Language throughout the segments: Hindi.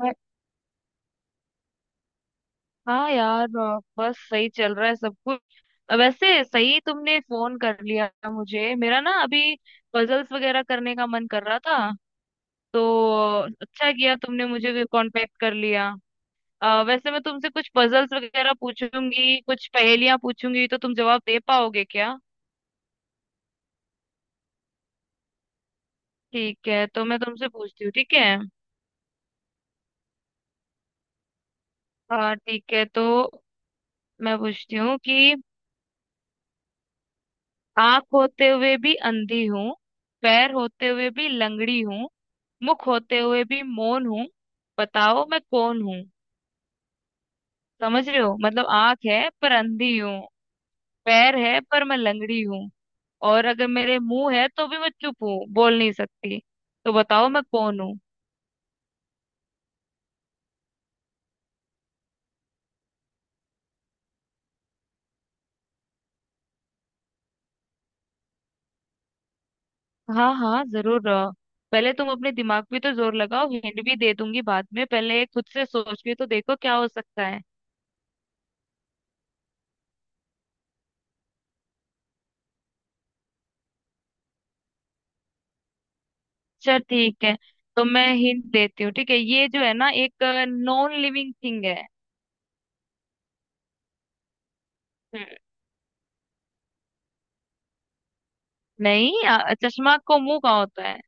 हाँ हाँ यार, बस सही चल रहा है सब कुछ। वैसे सही तुमने फोन कर लिया, मुझे मेरा ना अभी पजल्स वगैरह करने का मन कर रहा था, तो अच्छा किया तुमने मुझे कांटेक्ट कर लिया। वैसे मैं तुमसे कुछ पजल्स वगैरह पूछूंगी, कुछ पहेलियां पूछूंगी, तो तुम जवाब दे पाओगे क्या? ठीक है, तो मैं तुमसे पूछती हूँ, ठीक है। हाँ ठीक है, तो मैं पूछती हूँ कि आँख होते हुए भी अंधी हूँ, पैर होते हुए भी लंगड़ी हूँ, मुख होते हुए भी मौन हूँ, बताओ मैं कौन हूँ? समझ रहे हो? मतलब आंख है पर अंधी हूँ, पैर है पर मैं लंगड़ी हूँ, और अगर मेरे मुंह है तो भी मैं चुप हूँ, बोल नहीं सकती। तो बताओ मैं कौन हूँ? हाँ हाँ जरूर। पहले तुम अपने दिमाग पे तो जोर लगाओ, हिंट भी दे दूंगी बाद में। पहले खुद से सोच के तो देखो क्या हो सकता है। चल ठीक है, तो मैं हिंट देती हूँ। ठीक है, ये जो है ना एक नॉन लिविंग थिंग है। हम्म। नहीं, चश्मा को मुंह कहाँ होता है?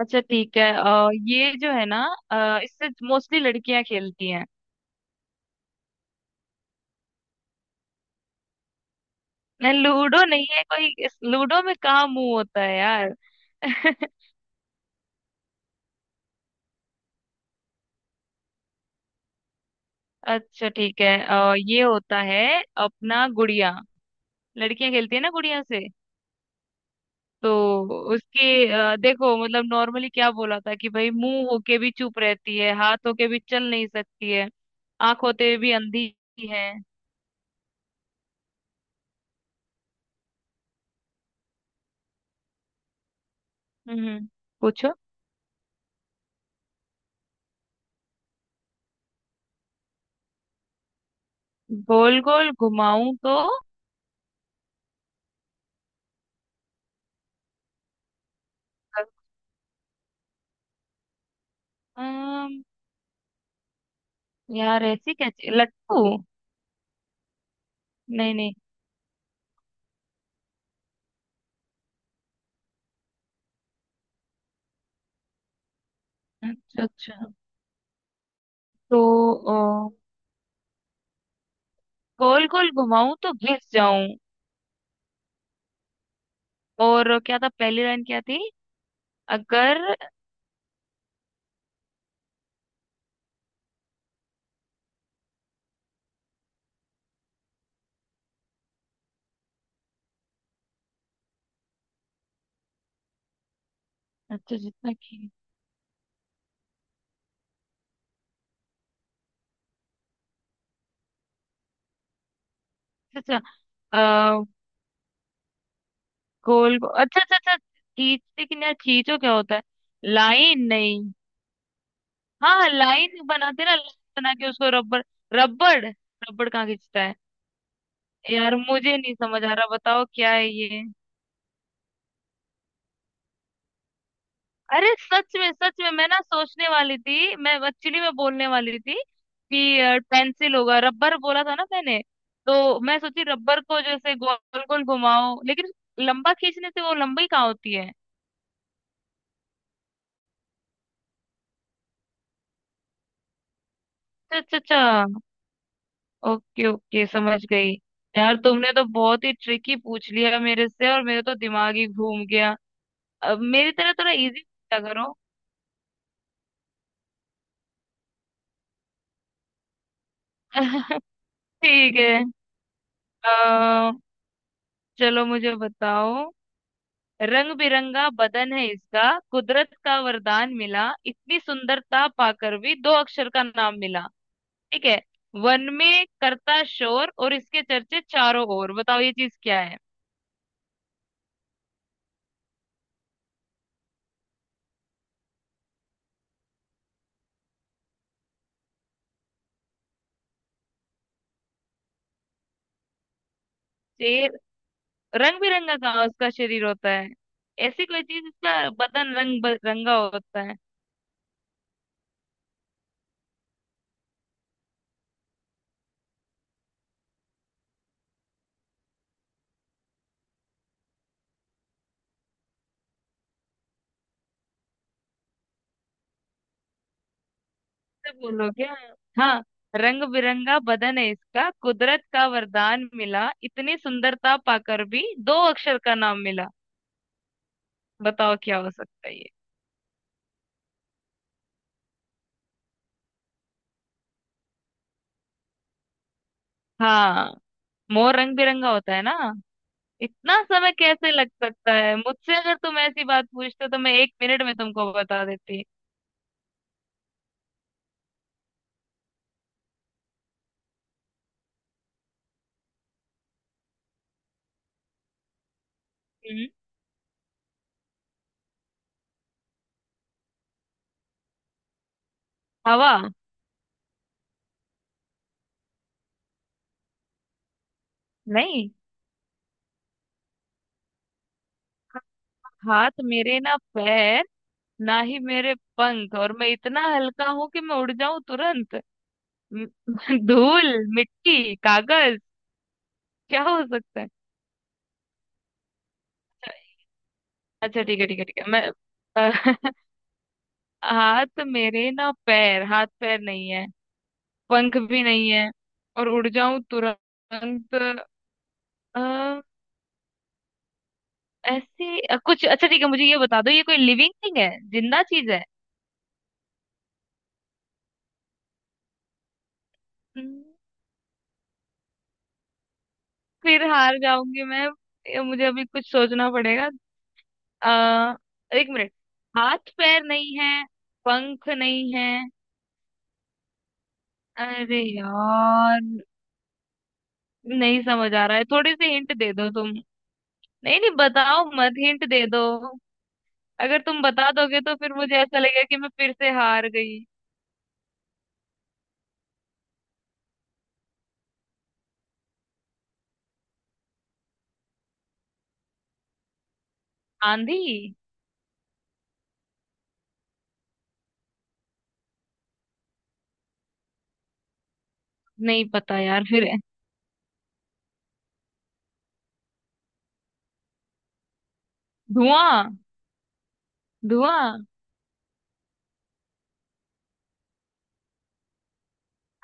अच्छा ठीक है, ये जो है ना, इससे मोस्टली लड़कियां खेलती हैं। नहीं, लूडो नहीं है कोई। इस लूडो में कहाँ मुंह होता है यार? अच्छा ठीक है, ये होता है अपना गुड़िया। लड़कियां खेलती है ना गुड़िया से। तो उसके देखो, मतलब नॉर्मली क्या बोला था कि भाई मुंह होके भी चुप रहती है, हाथ होके भी चल नहीं सकती है, आंख होते हुए भी अंधी है। हम्म हम्म। पूछो। गोल गोल घुमाऊं तो, यार ऐसी कैसी लट्टू? नहीं नहीं। अच्छा अच्छा। तो अ, गोल गोल घुमाऊं तो घिस जाऊं। और क्या था? पहली लाइन क्या थी? अगर। अच्छा जितना खी अच्छा अच्छा, गोल अच्छा अच्छा अच्छा। खींच, लेकिन यार खींचो क्या होता है? लाइन नहीं? हाँ लाइन बनाते ना, लाइन बना के उसको रबड़। रबड़ रबड़ कहाँ खींचता है? यार मुझे नहीं समझ आ रहा, बताओ क्या है ये? अरे सच में मैं ना सोचने वाली थी। मैं एक्चुअली मैं बोलने वाली थी कि पेंसिल होगा। रबर बोला था ना मैंने, तो मैं सोची रबर को जैसे गोल गोल घुमाओ, लेकिन लंबा खींचने से वो लंबी कहाँ होती है? अच्छा अच्छा अच्छा। ओके ओके, समझ गई। यार तुमने तो बहुत ही ट्रिकी पूछ लिया मेरे से और मेरा तो दिमाग ही घूम गया। अब मेरी तरह थोड़ा इजी पूछा करो। ठीक है। अ, चलो मुझे बताओ। रंग बिरंगा बदन है इसका, कुदरत का वरदान मिला, इतनी सुंदरता पाकर भी दो अक्षर का नाम मिला। ठीक है? वन में करता शोर और इसके चर्चे चारों ओर। बताओ ये चीज क्या है? शेर? रंग बिरंगा का उसका शरीर होता है? ऐसी कोई चीज, इसका बदन रंग बिरंगा होता है। तो बोलो क्या? हाँ, रंग बिरंगा बदन है इसका, कुदरत का वरदान मिला, इतनी सुंदरता पाकर भी दो अक्षर का नाम मिला। बताओ क्या हो सकता है ये? हाँ। मोर रंग बिरंगा होता है ना। इतना समय कैसे लग सकता है? मुझसे अगर तुम ऐसी बात पूछते तो मैं 1 मिनट में तुमको बता देती। हम्म। हवा? नहीं। हाथ मेरे ना पैर, ना ही मेरे पंख, और मैं इतना हल्का हूं कि मैं उड़ जाऊं तुरंत। म- धूल, मिट्टी, कागज? क्या हो सकता है? अच्छा ठीक है ठीक है ठीक है मैं। हाथ मेरे ना पैर, हाथ पैर नहीं है, पंख भी नहीं है, और उड़ जाऊं तुरंत। ऐसी कुछ, अच्छा ठीक है, मुझे ये बता दो, ये कोई लिविंग थिंग है, जिंदा चीज है? हम्म, फिर हार जाऊंगी मैं। ये मुझे अभी कुछ सोचना पड़ेगा। आ, 1 मिनट। हाथ पैर नहीं है, पंख नहीं है, अरे यार नहीं समझ आ रहा है, थोड़ी सी हिंट दे दो तुम। नहीं नहीं, बताओ मत, हिंट दे दो। अगर तुम बता दोगे तो फिर मुझे ऐसा लगेगा कि मैं फिर से हार गई। आंधी? नहीं पता यार। फिर। धुआं? धुआं!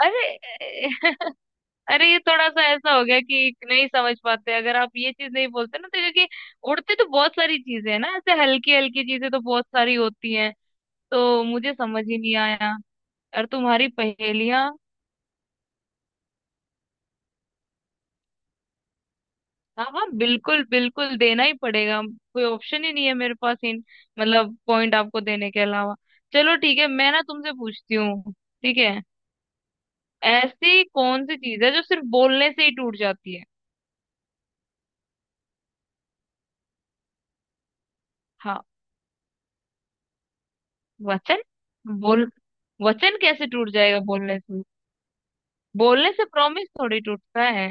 अरे! अरे, ये थोड़ा सा ऐसा हो गया कि नहीं समझ पाते, अगर आप ये चीज नहीं बोलते ना, तो क्योंकि उड़ते तो बहुत सारी चीजें हैं ना, ऐसे हल्की हल्की चीजें तो बहुत सारी होती हैं, तो मुझे समझ ही नहीं आया। और तुम्हारी पहेलियां। हाँ हाँ, बिल्कुल बिल्कुल देना ही पड़ेगा। कोई ऑप्शन ही नहीं है मेरे पास इन, मतलब पॉइंट आपको देने के अलावा। चलो ठीक है, मैं ना तुमसे पूछती हूँ। ठीक है? ऐसी कौन सी चीज है जो सिर्फ बोलने से ही टूट जाती है? हाँ, वचन बोल, वचन कैसे टूट जाएगा बोलने से? बोलने से प्रॉमिस थोड़ी टूटता है।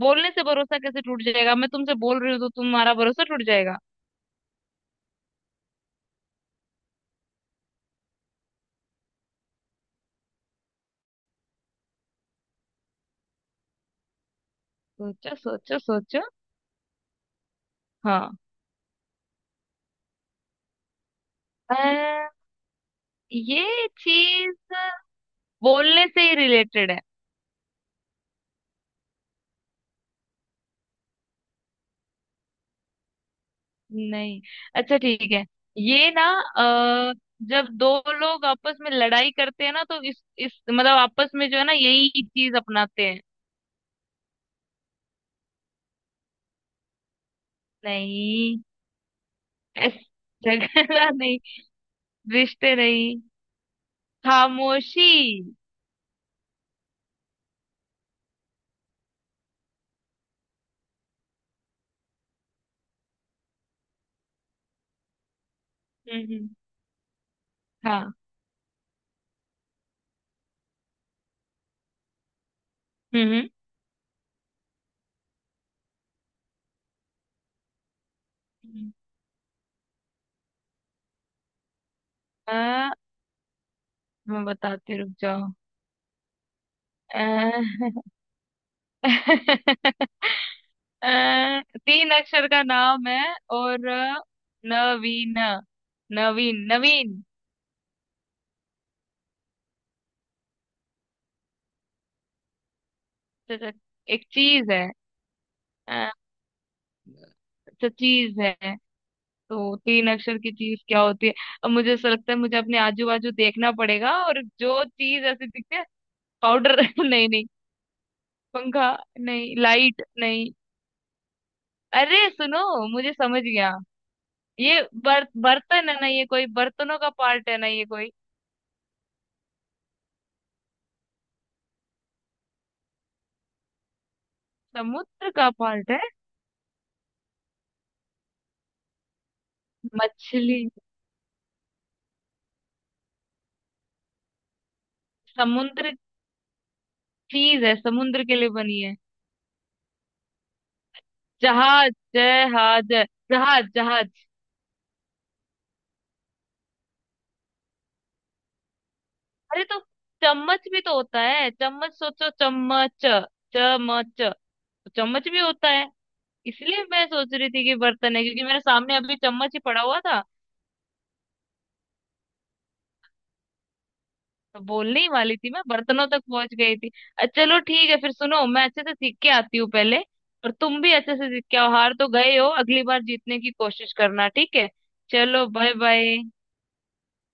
बोलने से भरोसा कैसे टूट जाएगा? मैं तुमसे बोल रही हूँ तो तुम्हारा भरोसा टूट जाएगा। सोचो सोचो सोचो। हाँ। अ, ये चीज बोलने से ही रिलेटेड है। नहीं। अच्छा ठीक है। ये ना, अ, जब दो लोग आपस में लड़ाई करते हैं ना, तो इस मतलब आपस में जो है ना, यही चीज अपनाते हैं। नहीं। ऐस- झगड़ा नहीं, रिश्ते नहीं, खामोशी। हम्म हम्म, हाँ हम्म हम्म। आ, मैं बताती, रुक जाओ। आ, तीन अक्षर का नाम है। और नवीन। नवीन नवीन। च- च- एक चीज है। आ, तो चीज है। तो तीन अक्षर की चीज क्या होती है? अब मुझे ऐसा लगता है मुझे अपने आजू बाजू देखना पड़ेगा, और जो चीज ऐसी दिखती है, पाउडर? नहीं नहीं। पंखा? नहीं, लाइट? नहीं। अरे सुनो, मुझे समझ गया। ये बर्तन है ना? ये कोई बर्तनों का पार्ट है ना? ये कोई समुद्र का पार्ट है? मछली? समुद्र? चीज है समुद्र के लिए बनी है। जहाज जहाज! जहाज जहाज! अरे, तो चम्मच भी तो होता है, चम्मच सोचो, चम्मच! चम्मच तो, चम्मच भी होता है। इसलिए मैं सोच रही थी कि बर्तन है, क्योंकि मेरे सामने अभी चम्मच ही पड़ा हुआ था। तो बोलने ही वाली थी, मैं बर्तनों तक पहुंच गई थी। चलो ठीक है, फिर सुनो, मैं अच्छे से सीख के आती हूँ पहले। और तुम भी अच्छे से सीख के आओ, हार तो गए हो, अगली बार जीतने की कोशिश करना, ठीक है? चलो बाय बाय।